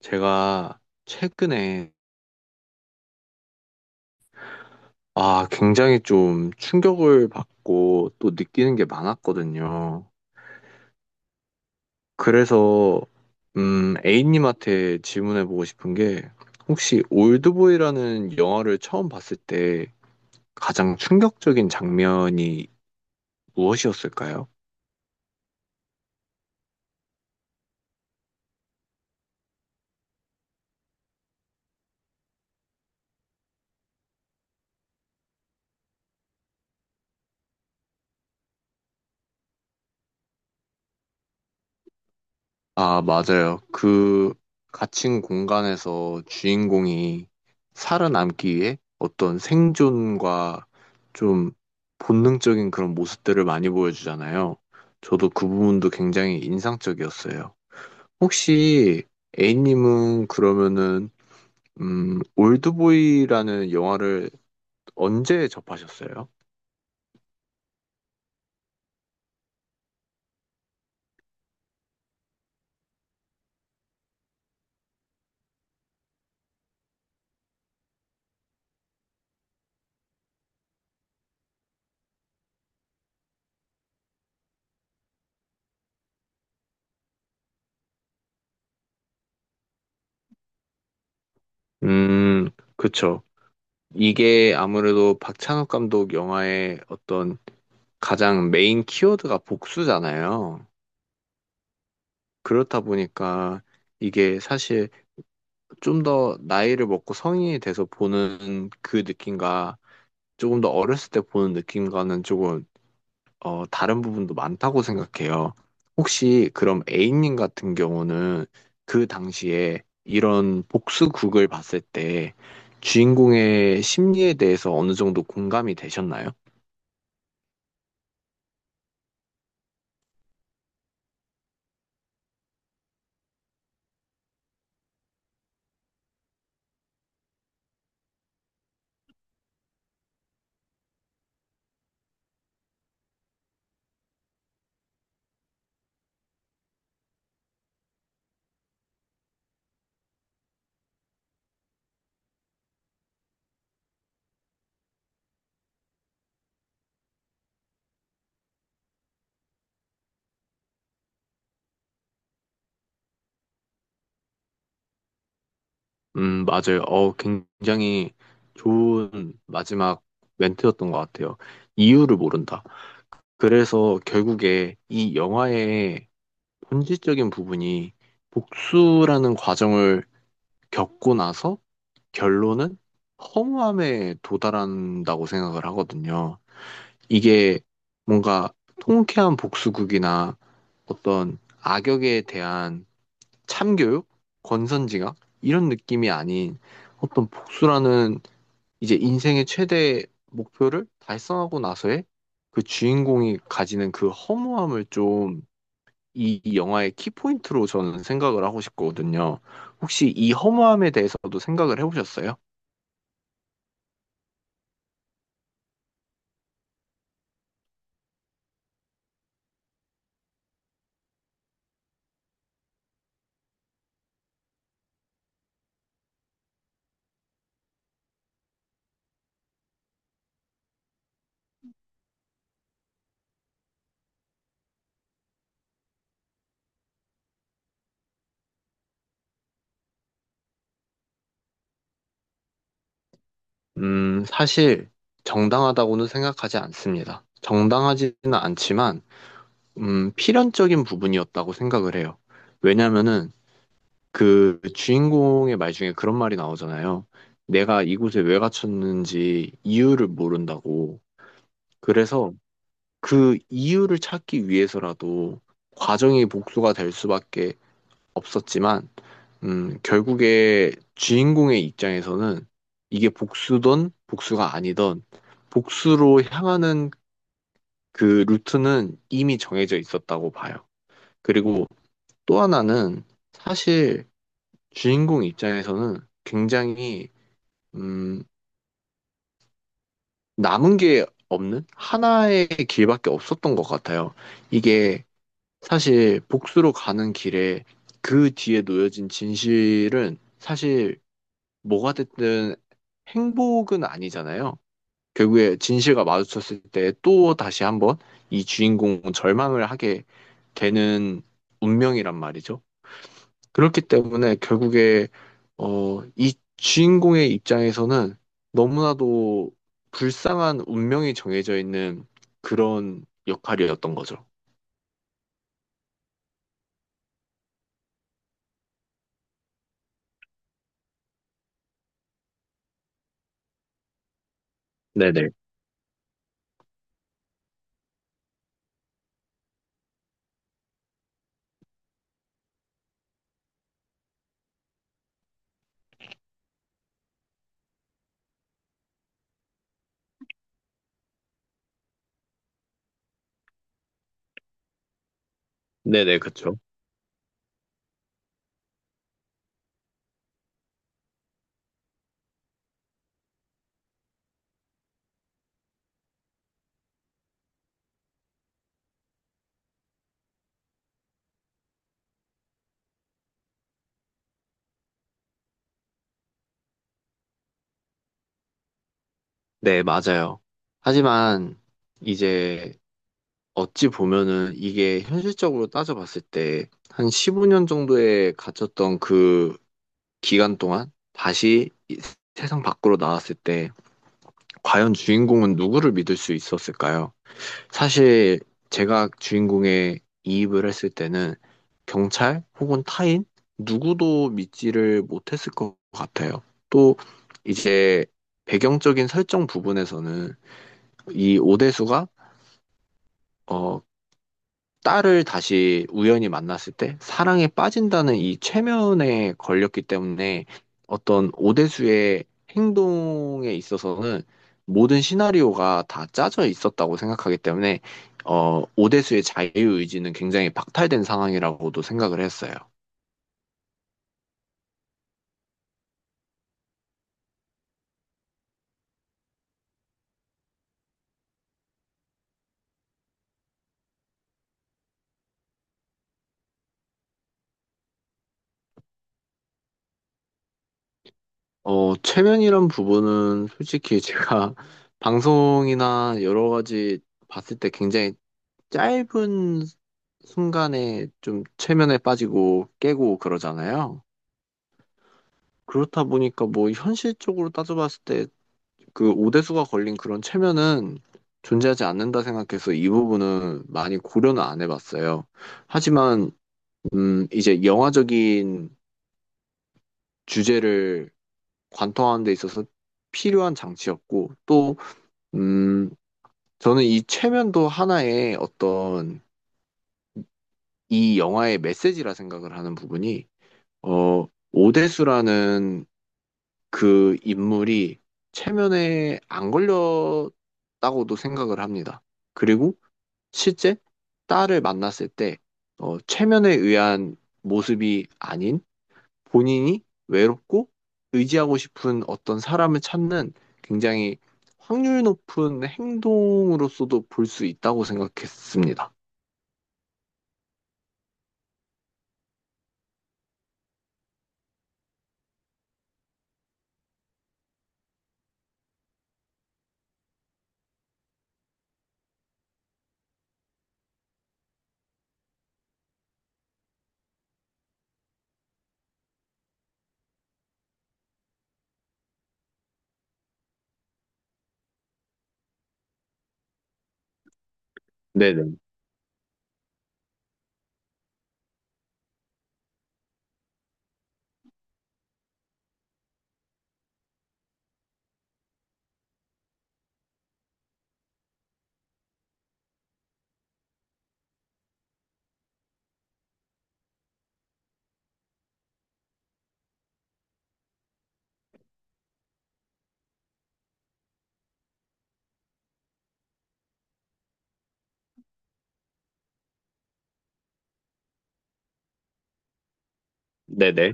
제가 최근에 아, 굉장히 좀 충격을 받고 또 느끼는 게 많았거든요. 그래서 A님한테 질문해 보고 싶은 게 혹시 올드보이라는 영화를 처음 봤을 때 가장 충격적인 장면이 무엇이었을까요? 아, 맞아요. 그 갇힌 공간에서 주인공이 살아남기 위해 어떤 생존과 좀 본능적인 그런 모습들을 많이 보여주잖아요. 저도 그 부분도 굉장히 인상적이었어요. 혹시 A님은 그러면은 올드보이라는 영화를 언제 접하셨어요? 음, 그쵸. 이게 아무래도 박찬욱 감독 영화의 어떤 가장 메인 키워드가 복수잖아요. 그렇다 보니까 이게 사실 좀 더 나이를 먹고 성인이 돼서 보는 그 느낌과 조금 더 어렸을 때 보는 느낌과는 조금 다른 부분도 많다고 생각해요. 혹시 그럼 A님 같은 경우는 그 당시에 이런 복수극을 봤을 때 주인공의 심리에 대해서 어느 정도 공감이 되셨나요? 맞아요. 굉장히 좋은 마지막 멘트였던 것 같아요. 이유를 모른다. 그래서 결국에 이 영화의 본질적인 부분이 복수라는 과정을 겪고 나서 결론은 허무함에 도달한다고 생각을 하거든요. 이게 뭔가 통쾌한 복수극이나 어떤 악역에 대한 참교육, 권선징악 이런 느낌이 아닌 어떤 복수라는 이제 인생의 최대 목표를 달성하고 나서의 그 주인공이 가지는 그 허무함을 좀 이 영화의 키포인트로 저는 생각을 하고 싶거든요. 혹시 이 허무함에 대해서도 생각을 해보셨어요? 사실 정당하다고는 생각하지 않습니다. 정당하지는 않지만, 필연적인 부분이었다고 생각을 해요. 왜냐면은 그 주인공의 말 중에 그런 말이 나오잖아요. 내가 이곳에 왜 갇혔는지 이유를 모른다고. 그래서 그 이유를 찾기 위해서라도 과정이 복수가 될 수밖에 없었지만, 결국에 주인공의 입장에서는 이게 복수든 복수가 아니든 복수로 향하는 그 루트는 이미 정해져 있었다고 봐요. 그리고 또 하나는 사실 주인공 입장에서는 굉장히, 음, 남은 게 없는 하나의 길밖에 없었던 것 같아요. 이게 사실 복수로 가는 길에 그 뒤에 놓여진 진실은 사실 뭐가 됐든 행복은 아니잖아요. 결국에 진실과 마주쳤을 때 또 다시 한번 이 주인공은 절망을 하게 되는 운명이란 말이죠. 그렇기 때문에 결국에 이 주인공의 입장에서는 너무나도 불쌍한 운명이 정해져 있는 그런 역할이었던 거죠. 네네. 네네, 그쵸. 네, 맞아요. 하지만 이제 어찌 보면은 이게 현실적으로 따져봤을 때 한 15년 정도에 갇혔던 그 기간 동안 다시 이 세상 밖으로 나왔을 때 과연 주인공은 누구를 믿을 수 있었을까요? 사실 제가 주인공에 이입을 했을 때는 경찰 혹은 타인 누구도 믿지를 못했을 것 같아요. 또 이제 배경적인 설정 부분에서는 이 오대수가 어, 딸을 다시 우연히 만났을 때 사랑에 빠진다는 이 최면에 걸렸기 때문에 어떤 오대수의 행동에 있어서는 모든 시나리오가 다 짜져 있었다고 생각하기 때문에 오대수의 자유의지는 굉장히 박탈된 상황이라고도 생각을 했어요. 최면이란 부분은 솔직히 제가 방송이나 여러 가지 봤을 때 굉장히 짧은 순간에 좀 최면에 빠지고 깨고 그러잖아요. 그렇다 보니까 뭐 현실적으로 따져봤을 때 그 오대수가 걸린 그런 체면은 존재하지 않는다 생각해서 이 부분은 많이 고려는 안 해봤어요. 하지만 이제 영화적인 주제를 관통하는 데 있어서 필요한 장치였고 또음 저는 이 체면도 하나의 어떤 이 영화의 메시지라 생각을 하는 부분이 오대수라는 그 인물이 체면에 안 걸렸다고도 생각을 합니다. 그리고 실제 딸을 만났을 때, 체면에 의한 모습이 아닌 본인이 외롭고 의지하고 싶은 어떤 사람을 찾는 굉장히 확률 높은 행동으로서도 볼 수 있다고 생각했습니다. 네네. 네네.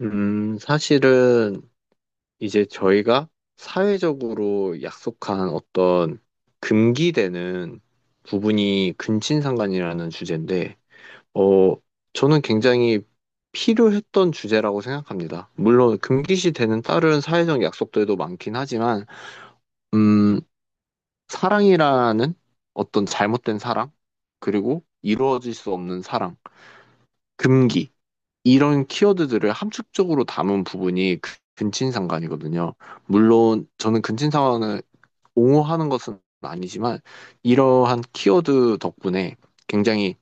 사실은 이제 저희가 사회적으로 약속한 어떤 금기되는 부분이 근친상간이라는 주제인데, 어, 저는 굉장히 필요했던 주제라고 생각합니다. 물론 금기시 되는 다른 사회적 약속들도 많긴 하지만, 음, 사랑이라는 어떤 잘못된 사랑, 그리고 이루어질 수 없는 사랑, 금기, 이런 키워드들을 함축적으로 담은 부분이 근친상간이거든요. 물론 저는 근친상간을 옹호하는 것은 아니지만 이러한 키워드 덕분에 굉장히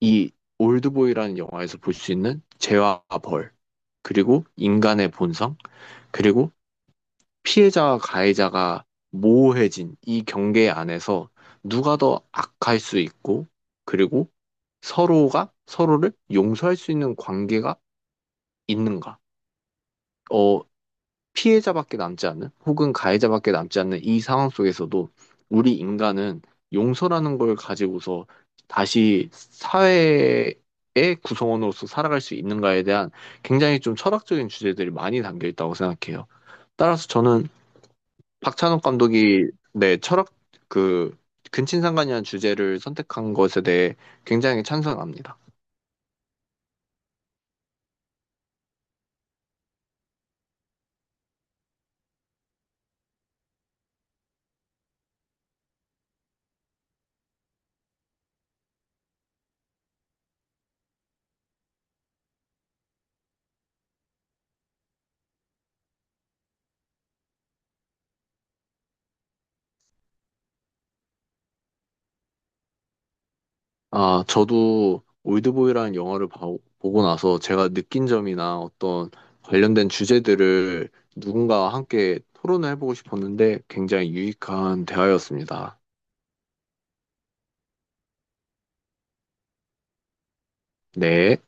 이 올드보이라는 영화에서 볼 수 있는 죄와 벌, 그리고 인간의 본성, 그리고 피해자와 가해자가 모호해진 이 경계 안에서 누가 더 악할 수 있고, 그리고 서로가 서로를 용서할 수 있는 관계가 있는가? 어, 피해자밖에 남지 않는 혹은 가해자밖에 남지 않는 이 상황 속에서도 우리 인간은 용서라는 걸 가지고서 다시 사회의 구성원으로서 살아갈 수 있는가에 대한 굉장히 좀 철학적인 주제들이 많이 담겨 있다고 생각해요. 따라서 저는 박찬욱 감독이 네, 철학 그 근친상간이라는 주제를 선택한 것에 대해 굉장히 찬성합니다. 아, 저도 올드보이라는 영화를 보고 나서 제가 느낀 점이나 어떤 관련된 주제들을 누군가와 함께 토론을 해보고 싶었는데 굉장히 유익한 대화였습니다. 네.